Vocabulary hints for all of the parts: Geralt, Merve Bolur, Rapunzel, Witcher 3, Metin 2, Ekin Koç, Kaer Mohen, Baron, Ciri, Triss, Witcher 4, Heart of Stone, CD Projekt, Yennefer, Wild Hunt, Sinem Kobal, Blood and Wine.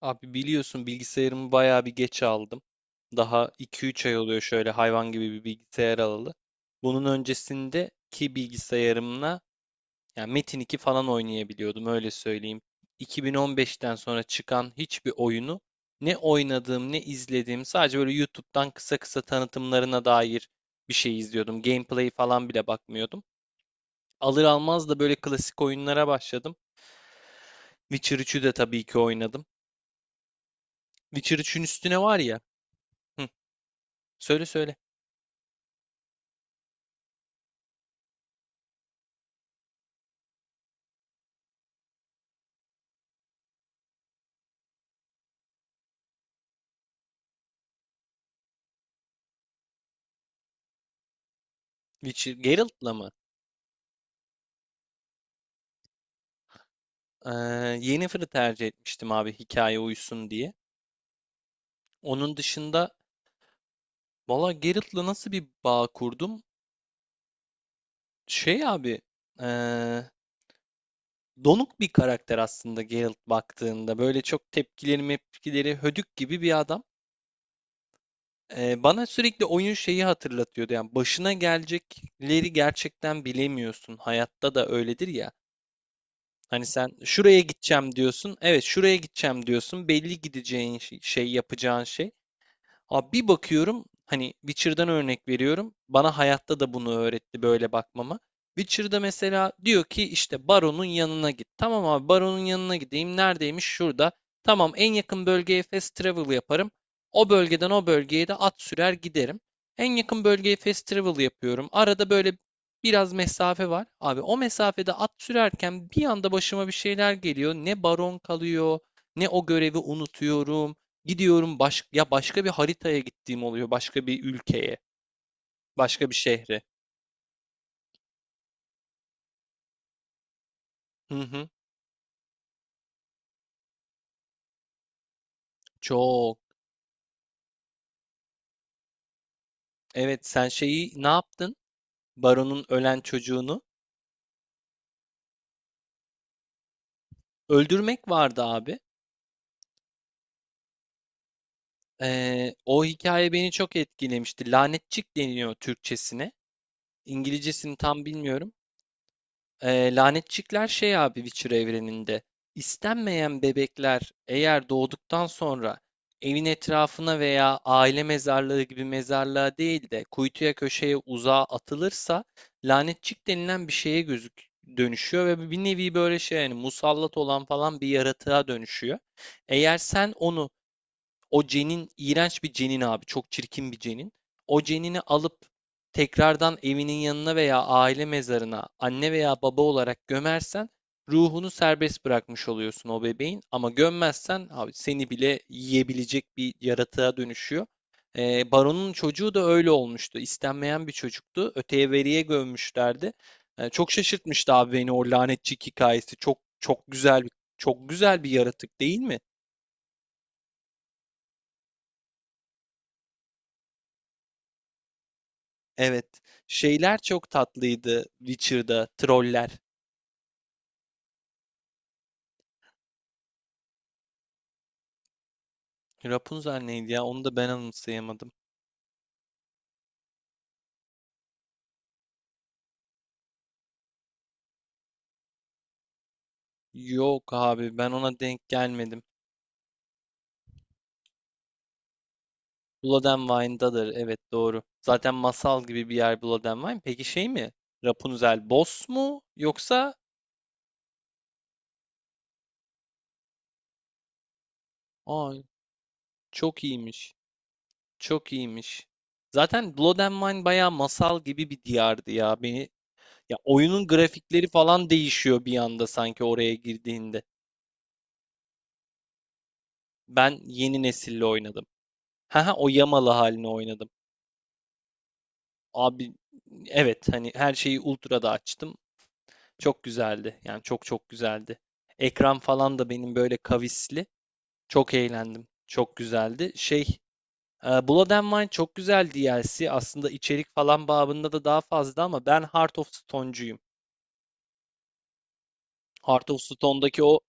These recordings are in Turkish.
Abi biliyorsun bilgisayarımı bayağı bir geç aldım. Daha 2-3 ay oluyor şöyle hayvan gibi bir bilgisayar alalı. Bunun öncesindeki bilgisayarımla yani Metin 2 falan oynayabiliyordum öyle söyleyeyim. 2015'ten sonra çıkan hiçbir oyunu ne oynadığım ne izlediğim sadece böyle YouTube'dan kısa kısa tanıtımlarına dair bir şey izliyordum. Gameplay falan bile bakmıyordum. Alır almaz da böyle klasik oyunlara başladım. Witcher 3'ü de tabii ki oynadım. Witcher 3'ün üstüne var ya. Hı. Söyle söyle. Witcher Geralt'la mı? Ee, Yennefer'ı tercih etmiştim abi hikaye uysun diye. Onun dışında valla Geralt'la nasıl bir bağ kurdum? Şey abi, ee, donuk bir karakter aslında Geralt baktığında. Böyle çok tepkileri mepkileri hödük gibi bir adam. Bana sürekli oyun şeyi hatırlatıyordu. Yani başına gelecekleri gerçekten bilemiyorsun. Hayatta da öyledir ya. Hani sen şuraya gideceğim diyorsun. Evet şuraya gideceğim diyorsun. Belli gideceğin şey, şey yapacağın şey. Abi bir bakıyorum hani Witcher'dan örnek veriyorum. Bana hayatta da bunu öğretti böyle bakmama. Witcher'da mesela diyor ki işte Baron'un yanına git. Tamam abi Baron'un yanına gideyim. Neredeymiş? Şurada. Tamam en yakın bölgeye fast travel yaparım. O bölgeden o bölgeye de at sürer giderim. En yakın bölgeye fast travel yapıyorum. Arada böyle biraz mesafe var. Abi o mesafede at sürerken bir anda başıma bir şeyler geliyor. Ne baron kalıyor, ne o görevi unutuyorum. Gidiyorum ya başka bir haritaya gittiğim oluyor. Başka bir ülkeye, başka bir şehre. Hı hı. Çok. Evet, sen şeyi ne yaptın? Baron'un ölen çocuğunu öldürmek vardı abi. O hikaye beni çok etkilemişti. Lanetçik deniyor Türkçesine. İngilizcesini tam bilmiyorum. Lanetçikler şey abi Witcher evreninde. İstenmeyen bebekler eğer doğduktan sonra evin etrafına veya aile mezarlığı gibi mezarlığa değil de kuytuya köşeye uzağa atılırsa lanetçik denilen bir şeye dönüşüyor ve bir nevi böyle şey yani musallat olan falan bir yaratığa dönüşüyor. Eğer sen onu o cenin iğrenç bir cenin abi. Çok çirkin bir cenin. O cenini alıp tekrardan evinin yanına veya aile mezarına anne veya baba olarak gömersen ruhunu serbest bırakmış oluyorsun o bebeğin. Ama gömmezsen abi seni bile yiyebilecek bir yaratığa dönüşüyor. Baron'un çocuğu da öyle olmuştu. İstenmeyen bir çocuktu. Öteye veriye gömmüşlerdi. Çok şaşırtmıştı abi beni o lanetçik hikayesi. Çok güzel bir yaratık değil mi? Evet. Şeyler çok tatlıydı Witcher'da. Troller. Rapunzel neydi ya? Onu da ben anımsayamadım. Yok abi ben ona denk gelmedim. Blood and evet, doğru. Zaten masal gibi bir yer Blood and peki, şey mi? Rapunzel boss mu? Yoksa? Ay çok iyiymiş. Çok iyiymiş. Zaten Blood and Wine bayağı masal gibi bir diyardı ya. Beni ya oyunun grafikleri falan değişiyor bir anda sanki oraya girdiğinde. Ben yeni nesille oynadım. Ha he o Yamalı halini oynadım. Abi evet hani her şeyi ultra'da açtım. Çok güzeldi. Yani çok çok güzeldi. Ekran falan da benim böyle kavisli. Çok eğlendim. Çok güzeldi. Şey Blood and Wine çok güzel DLC. Aslında içerik falan babında da daha fazla ama ben Heart of Stone'cuyum. Heart of Stone'daki o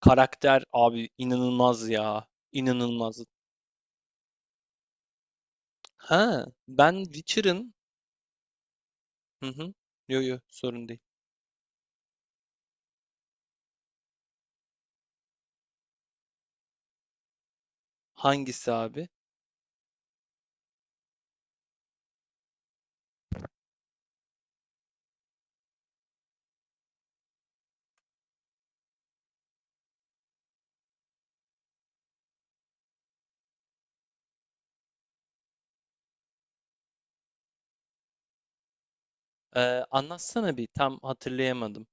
karakter abi inanılmaz ya. İnanılmaz. Ha ben Witcher'ın. Hı hı. Yo yo sorun değil. Hangisi abi? Anlatsana bir, tam hatırlayamadım.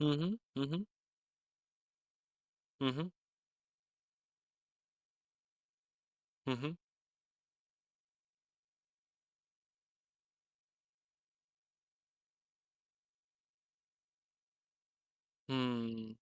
Hı hı, hı hı, hı hı, hı hı. Hımm,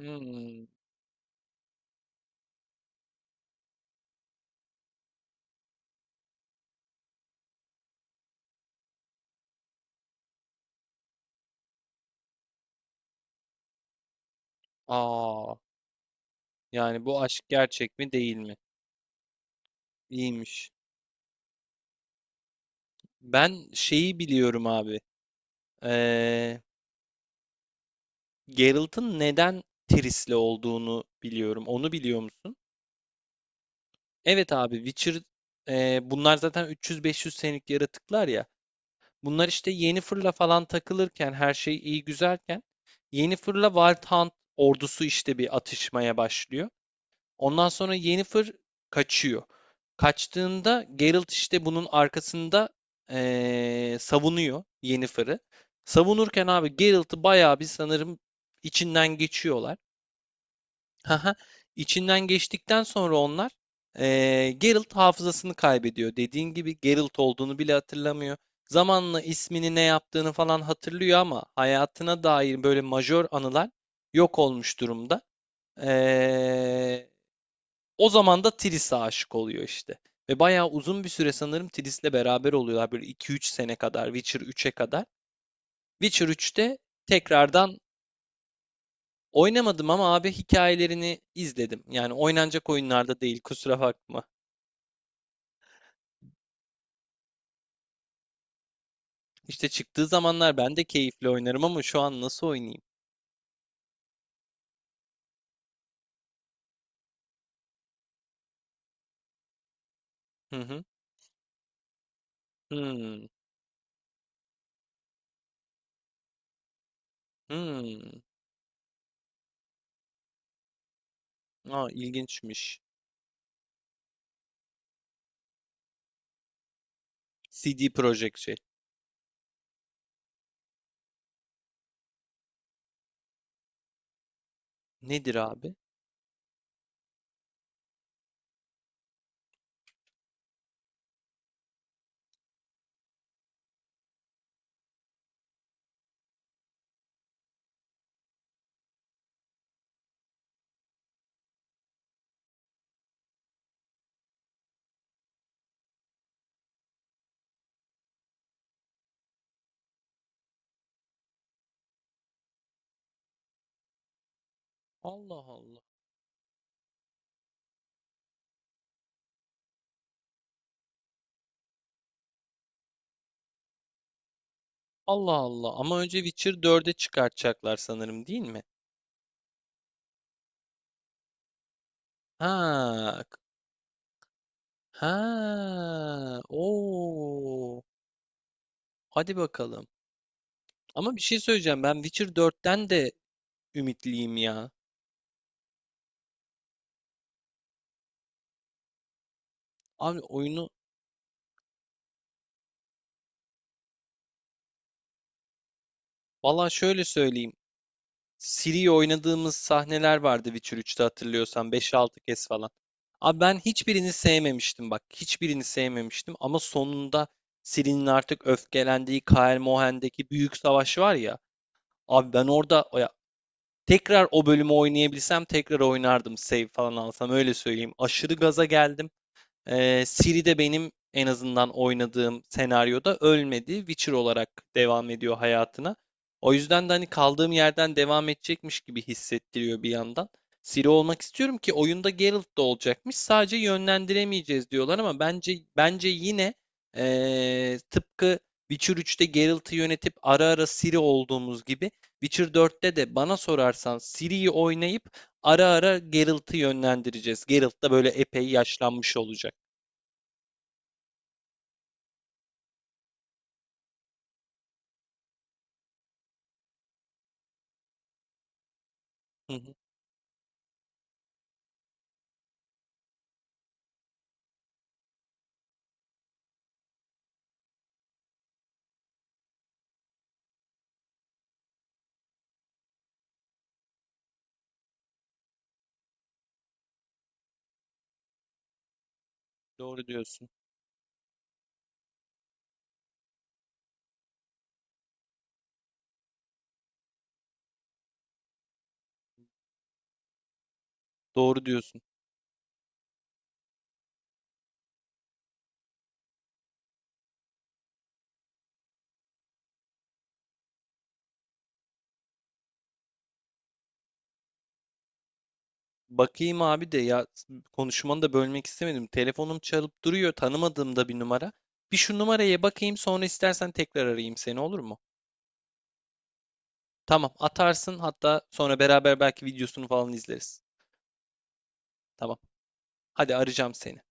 hımm. A! Yani bu aşk gerçek mi değil mi? İyiymiş. Ben şeyi biliyorum abi, eee, Geralt'ın neden Triss'le olduğunu biliyorum. Onu biliyor musun? Evet abi, Witcher, bunlar zaten 300-500 senelik yaratıklar ya. Bunlar işte yeni fırla falan takılırken her şey iyi güzelken yeni fırla Wild Hunt ordusu işte bir atışmaya başlıyor. Ondan sonra yeni fır kaçıyor. Kaçtığında Geralt işte bunun arkasında savunuyor Yennefer'ı. Savunurken abi Geralt'ı bayağı bir sanırım içinden geçiyorlar. Haha, içinden geçtikten sonra onlar Geralt hafızasını kaybediyor. Dediğin gibi Geralt olduğunu bile hatırlamıyor. Zamanla ismini ne yaptığını falan hatırlıyor ama hayatına dair böyle majör anılar yok olmuş durumda. Eee, O zaman da Triss'e aşık oluyor işte. Ve bayağı uzun bir süre sanırım Triss'le beraber oluyorlar. Böyle 2-3 sene kadar, Witcher 3'e kadar. Witcher 3'te tekrardan oynamadım ama abi hikayelerini izledim. Yani oynanacak oyunlarda değil kusura bakma. İşte çıktığı zamanlar ben de keyifle oynarım ama şu an nasıl oynayayım? Hı hı. Hmm. Hmm. Aa, ilginçmiş. CD Projekt şey. Nedir abi? Allah Allah. Allah Allah. Ama önce Witcher 4'e çıkartacaklar sanırım değil mi? Ha. K-. Ha. Oo. Hadi bakalım. Ama bir şey söyleyeceğim. Ben Witcher 4'ten de ümitliyim ya. Abi oyunu, valla şöyle söyleyeyim. Ciri'yi oynadığımız sahneler vardı Witcher 3'te hatırlıyorsan 5-6 kez falan. Abi ben hiçbirini sevmemiştim bak. Hiçbirini sevmemiştim ama sonunda Ciri'nin artık öfkelendiği Kaer Mohen'deki büyük savaş var ya. Abi ben orada ya, tekrar o bölümü oynayabilsem tekrar oynardım. Save falan alsam öyle söyleyeyim. Aşırı gaza geldim. Ciri de benim en azından oynadığım senaryoda ölmedi. Witcher olarak devam ediyor hayatına. O yüzden de hani kaldığım yerden devam edecekmiş gibi hissettiriyor bir yandan. Ciri olmak istiyorum ki oyunda Geralt da olacakmış. Sadece yönlendiremeyeceğiz diyorlar ama bence yine tıpkı Witcher 3'te Geralt'ı yönetip ara ara Ciri olduğumuz gibi Witcher 4'te de bana sorarsan Ciri'yi oynayıp ara ara Geralt'ı yönlendireceğiz. Geralt da böyle epey yaşlanmış olacak. Hı hı, doğru diyorsun. Doğru diyorsun. Bakayım abi de ya, konuşmanı da bölmek istemedim. Telefonum çalıp duruyor, tanımadığım da bir numara. Bir şu numaraya bakayım sonra istersen tekrar arayayım seni, olur mu? Tamam atarsın, hatta sonra beraber belki videosunu falan izleriz. Tamam. Hadi arayacağım seni.